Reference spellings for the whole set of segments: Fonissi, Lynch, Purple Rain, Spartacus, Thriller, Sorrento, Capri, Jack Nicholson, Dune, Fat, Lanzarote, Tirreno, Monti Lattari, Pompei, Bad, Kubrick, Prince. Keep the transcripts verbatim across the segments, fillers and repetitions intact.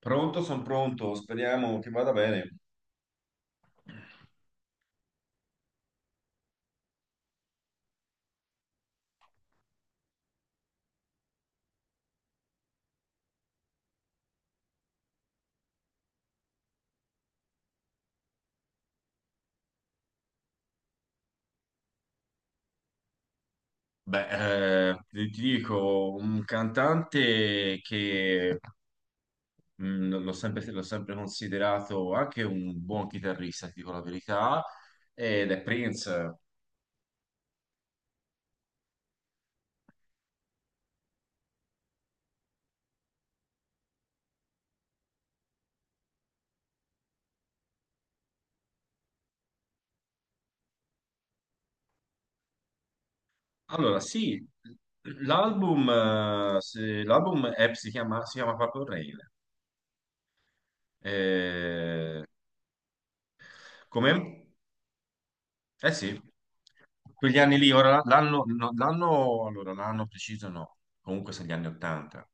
Pronto, sono pronto, speriamo che vada bene. Beh, eh, ti ti dico, un cantante che mh, l'ho sempre, l'ho sempre considerato anche un buon chitarrista, ti dico la verità, ed è Prince. Allora, sì, l'album eh, se- l'album è- si chiama, si chiama Purple Rain. Eh, come? Eh sì, quegli anni lì, ora l'anno, no, l'anno, allora, l'anno preciso no, comunque sono gli anni ottanta.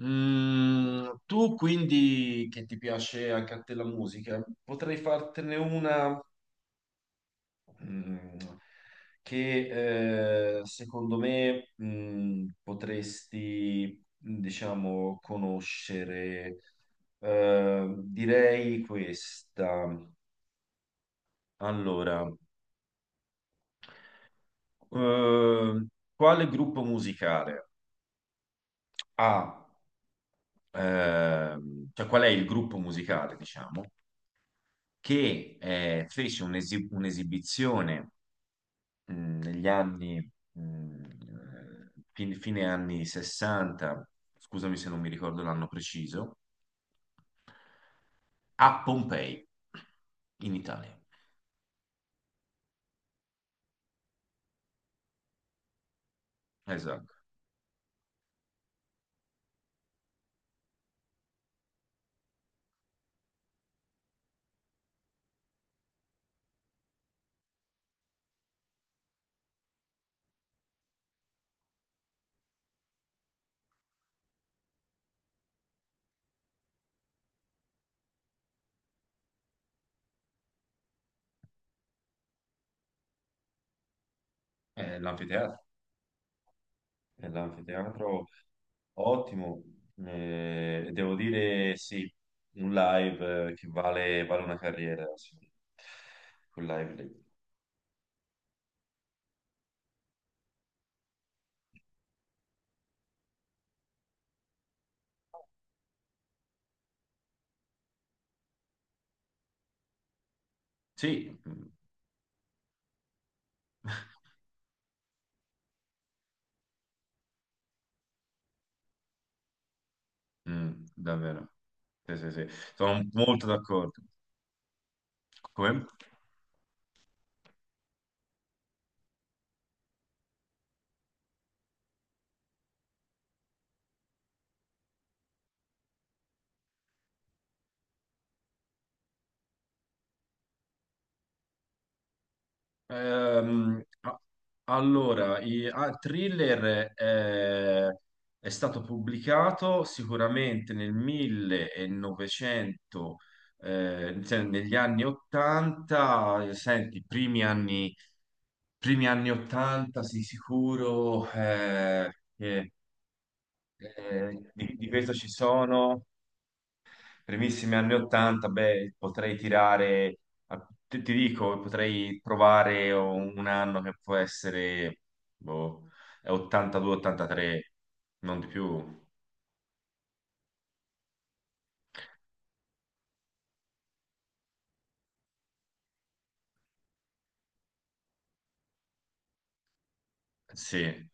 Mm, tu quindi che ti piace anche a te la musica, potrei fartene una mm, che eh, secondo me mm, potresti, diciamo, conoscere. Eh, direi questa. Allora, eh, quale gruppo musicale ha, ehm, cioè qual è il gruppo musicale, diciamo? Che eh, fece un'esi- un'esibizione mh, negli anni, mh, fin- fine anni sessanta, scusami se non mi ricordo l'anno preciso, a Pompei, in Italia. Esatto, è l'anfiteatro, è l'anfiteatro ottimo, eh, devo dire sì, un live eh, che vale, vale una carriera, sì. Quel live lì. Sì. Mm, davvero. Sì, sì, sì. Sono molto d'accordo. Come? Ehm, a- allora, i, ah, Thriller è, è stato pubblicato sicuramente nel millenovecento, eh, cioè negli anni ottanta, eh, senti, primi anni, primi anni ottanta sì, sicuro, eh, che, eh, di, di questo ci sono primissimi anni ottanta, beh, potrei tirare, a- ti, ti dico, potrei provare un anno che può essere, boh, ottantadue ottantatré, non di più, sì,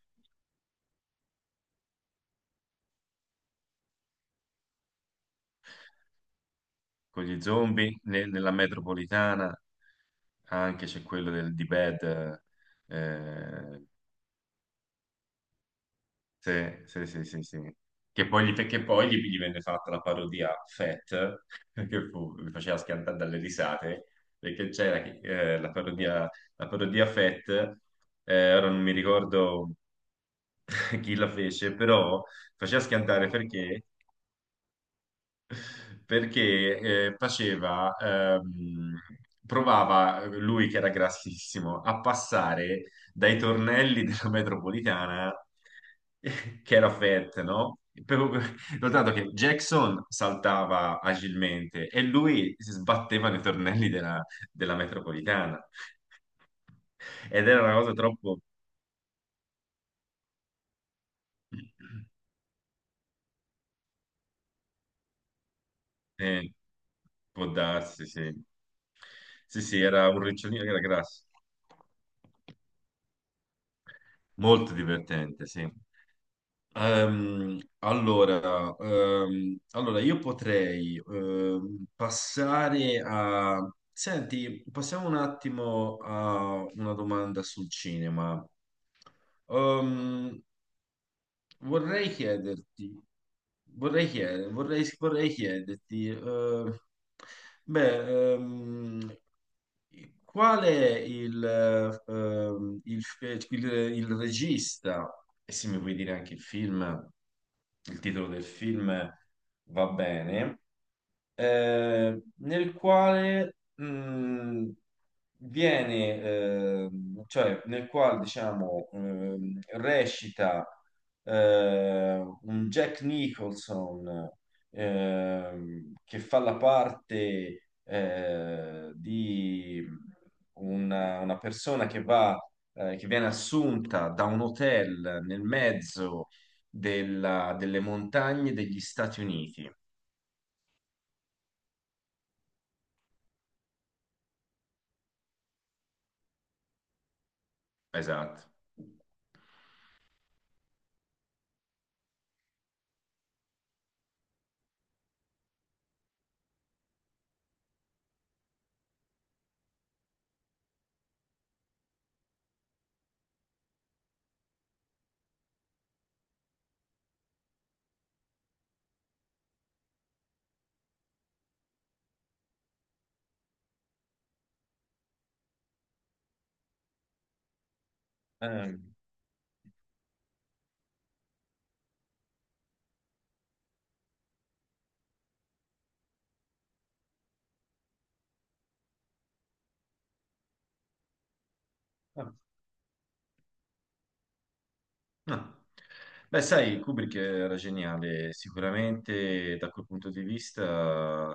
con gli zombie ne- nella metropolitana, anche c'è quello del, di Bad. Sì, sì, sì, sì, sì. Che poi gli, che poi gli, gli venne fatta la parodia Fat, che fu, mi faceva schiantare dalle risate, perché c'era chi- eh, la parodia, la parodia Fat, eh, ora non mi ricordo chi la fece, però faceva schiantare perché perché eh, faceva, ehm, provava lui che era grassissimo a passare dai tornelli della metropolitana, eh, che era fette, no? Per- Notato che Jackson saltava agilmente e lui si sbatteva nei tornelli della, della metropolitana ed era una cosa troppo... Eh, può darsi, sì. Sì, sì, era un ricciolino che era grasso. Molto divertente, sì. Ehm, allora, ehm, allora, io potrei ehm, passare a... Senti, passiamo un attimo a una domanda sul cinema. Ehm, Vorrei chiederti, vorrei chiedere, vorrei, vorrei chiederti, eh, beh, ehm, qual è il, ehm, il, il- il regista, e se mi puoi dire anche il film, il titolo del film va bene, eh, nel quale mh, viene, ehm, cioè nel quale diciamo ehm, recita eh, un Jack Nicholson, ehm, che fa la parte eh, di una, una persona che va, eh, che viene assunta da un hotel nel mezzo della- delle montagne degli Stati Uniti. Esatto. Eh, ah, ah. Beh, sai, Kubrick era geniale, sicuramente da quel punto di vista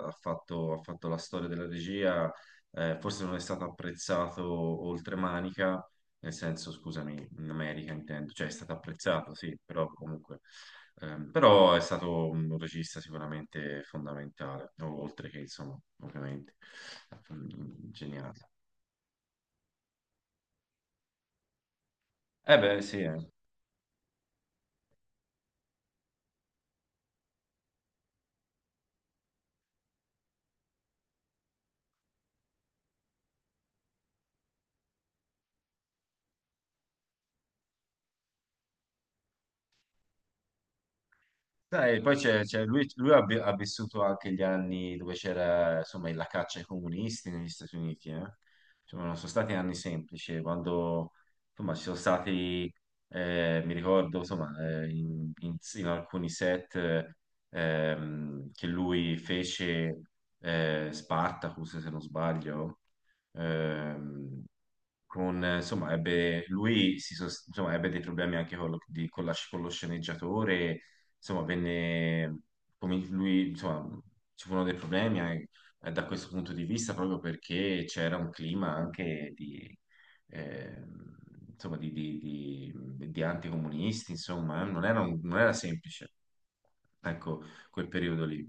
ha fatto, ha fatto la storia della regia, eh, forse non è stato apprezzato oltre manica, nel senso, scusami, in America intendo, cioè è stato apprezzato, sì, però comunque, ehm, però è stato un regista sicuramente fondamentale, oltre che, insomma, ovviamente, mm, geniale. Eh beh, sì, eh. Sai, poi c'è, c'è- lui, lui ha, vi- ha vissuto anche gli anni dove c'era insomma la caccia ai comunisti negli Stati Uniti, eh. Insomma, non sono stati anni semplici, eh, quando insomma ci sono stati, eh, mi ricordo insomma, eh, in, in- in alcuni set eh, ehm, che lui fece eh, Spartacus, se non sbaglio, ehm, con, eh, insomma, ebbe, lui si sos- insomma, ebbe dei problemi anche con lo, di- con la- con lo sceneggiatore insomma, venne, come lui, insomma, ci furono dei problemi eh, eh, da questo punto di vista proprio perché c'era un clima anche di, ehm, insomma, di, di- di- di anticomunisti, insomma, eh, non era, un- non era semplice, ecco, quel periodo lì.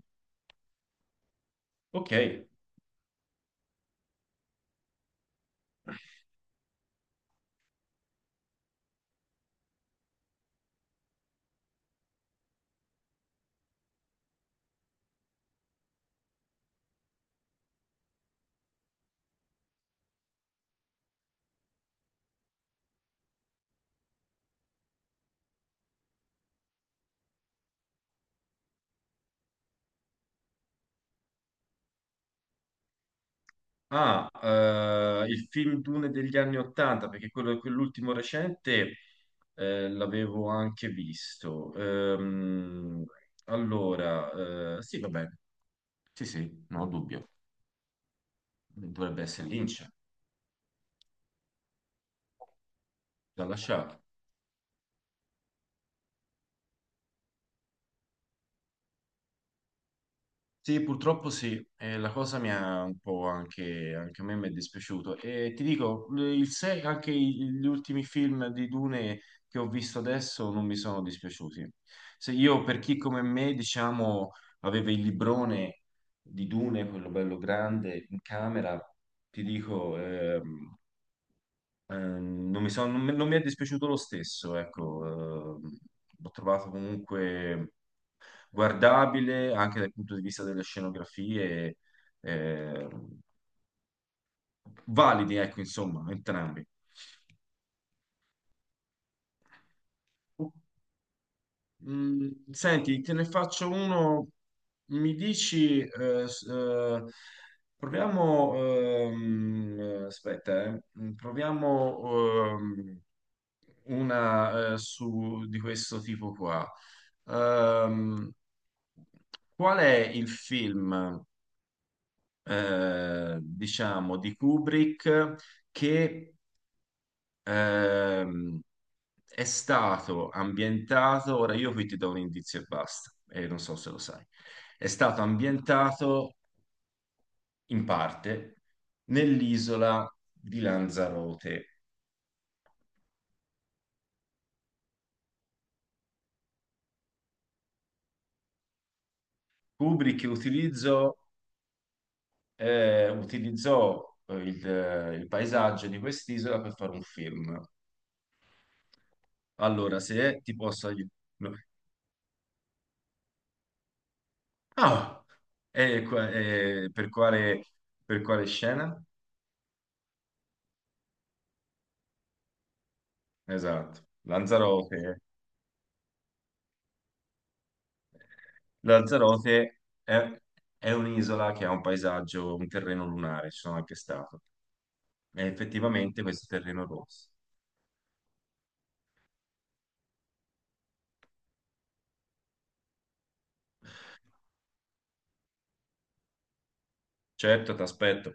Ok. Ah, eh, il film Dune degli anni Ottanta, perché quello, quell'ultimo recente eh, l'avevo anche visto. Ehm, allora, eh, sì, vabbè, sì, sì, non ho dubbio. Dovrebbe essere Lynch da lasciare. Sì, purtroppo sì, e la cosa mi ha un po' anche, anche a me mi è dispiaciuto. E ti dico, il se- anche i- gli ultimi film di Dune che ho visto adesso non mi sono dispiaciuti. Se io, per chi come me, diciamo, aveva il librone di Dune, quello bello grande, in camera, ti dico, ehm, eh, non mi sono- non mi non mi è dispiaciuto lo stesso, ecco, eh, l'ho trovato comunque guardabile anche dal punto di vista delle scenografie, eh, validi, ecco, insomma, entrambi. Mm, senti, te ne faccio uno. Mi dici, eh, s- eh, proviamo, ehm, eh, aspetta, eh, mm, proviamo ehm, una eh, su, di questo tipo qua. Ehm, qual è il film, eh, diciamo, di Kubrick che Ehm, è stato ambientato, ora io qui ti do un indizio e basta, e non so se lo sai. È stato ambientato in parte nell'isola di Lanzarote. Kubrick utilizzò, eh, utilizzò eh, il, eh, il paesaggio di quest'isola per fare un film. Allora, se ti posso aiutare... Ah! E qua- e per quale, per quale scena? Esatto, Lanzarote. Lanzarote è, è un'isola che ha un paesaggio, un terreno lunare, ci sono anche stato. È effettivamente questo terreno rosso. Certo, ti aspetto.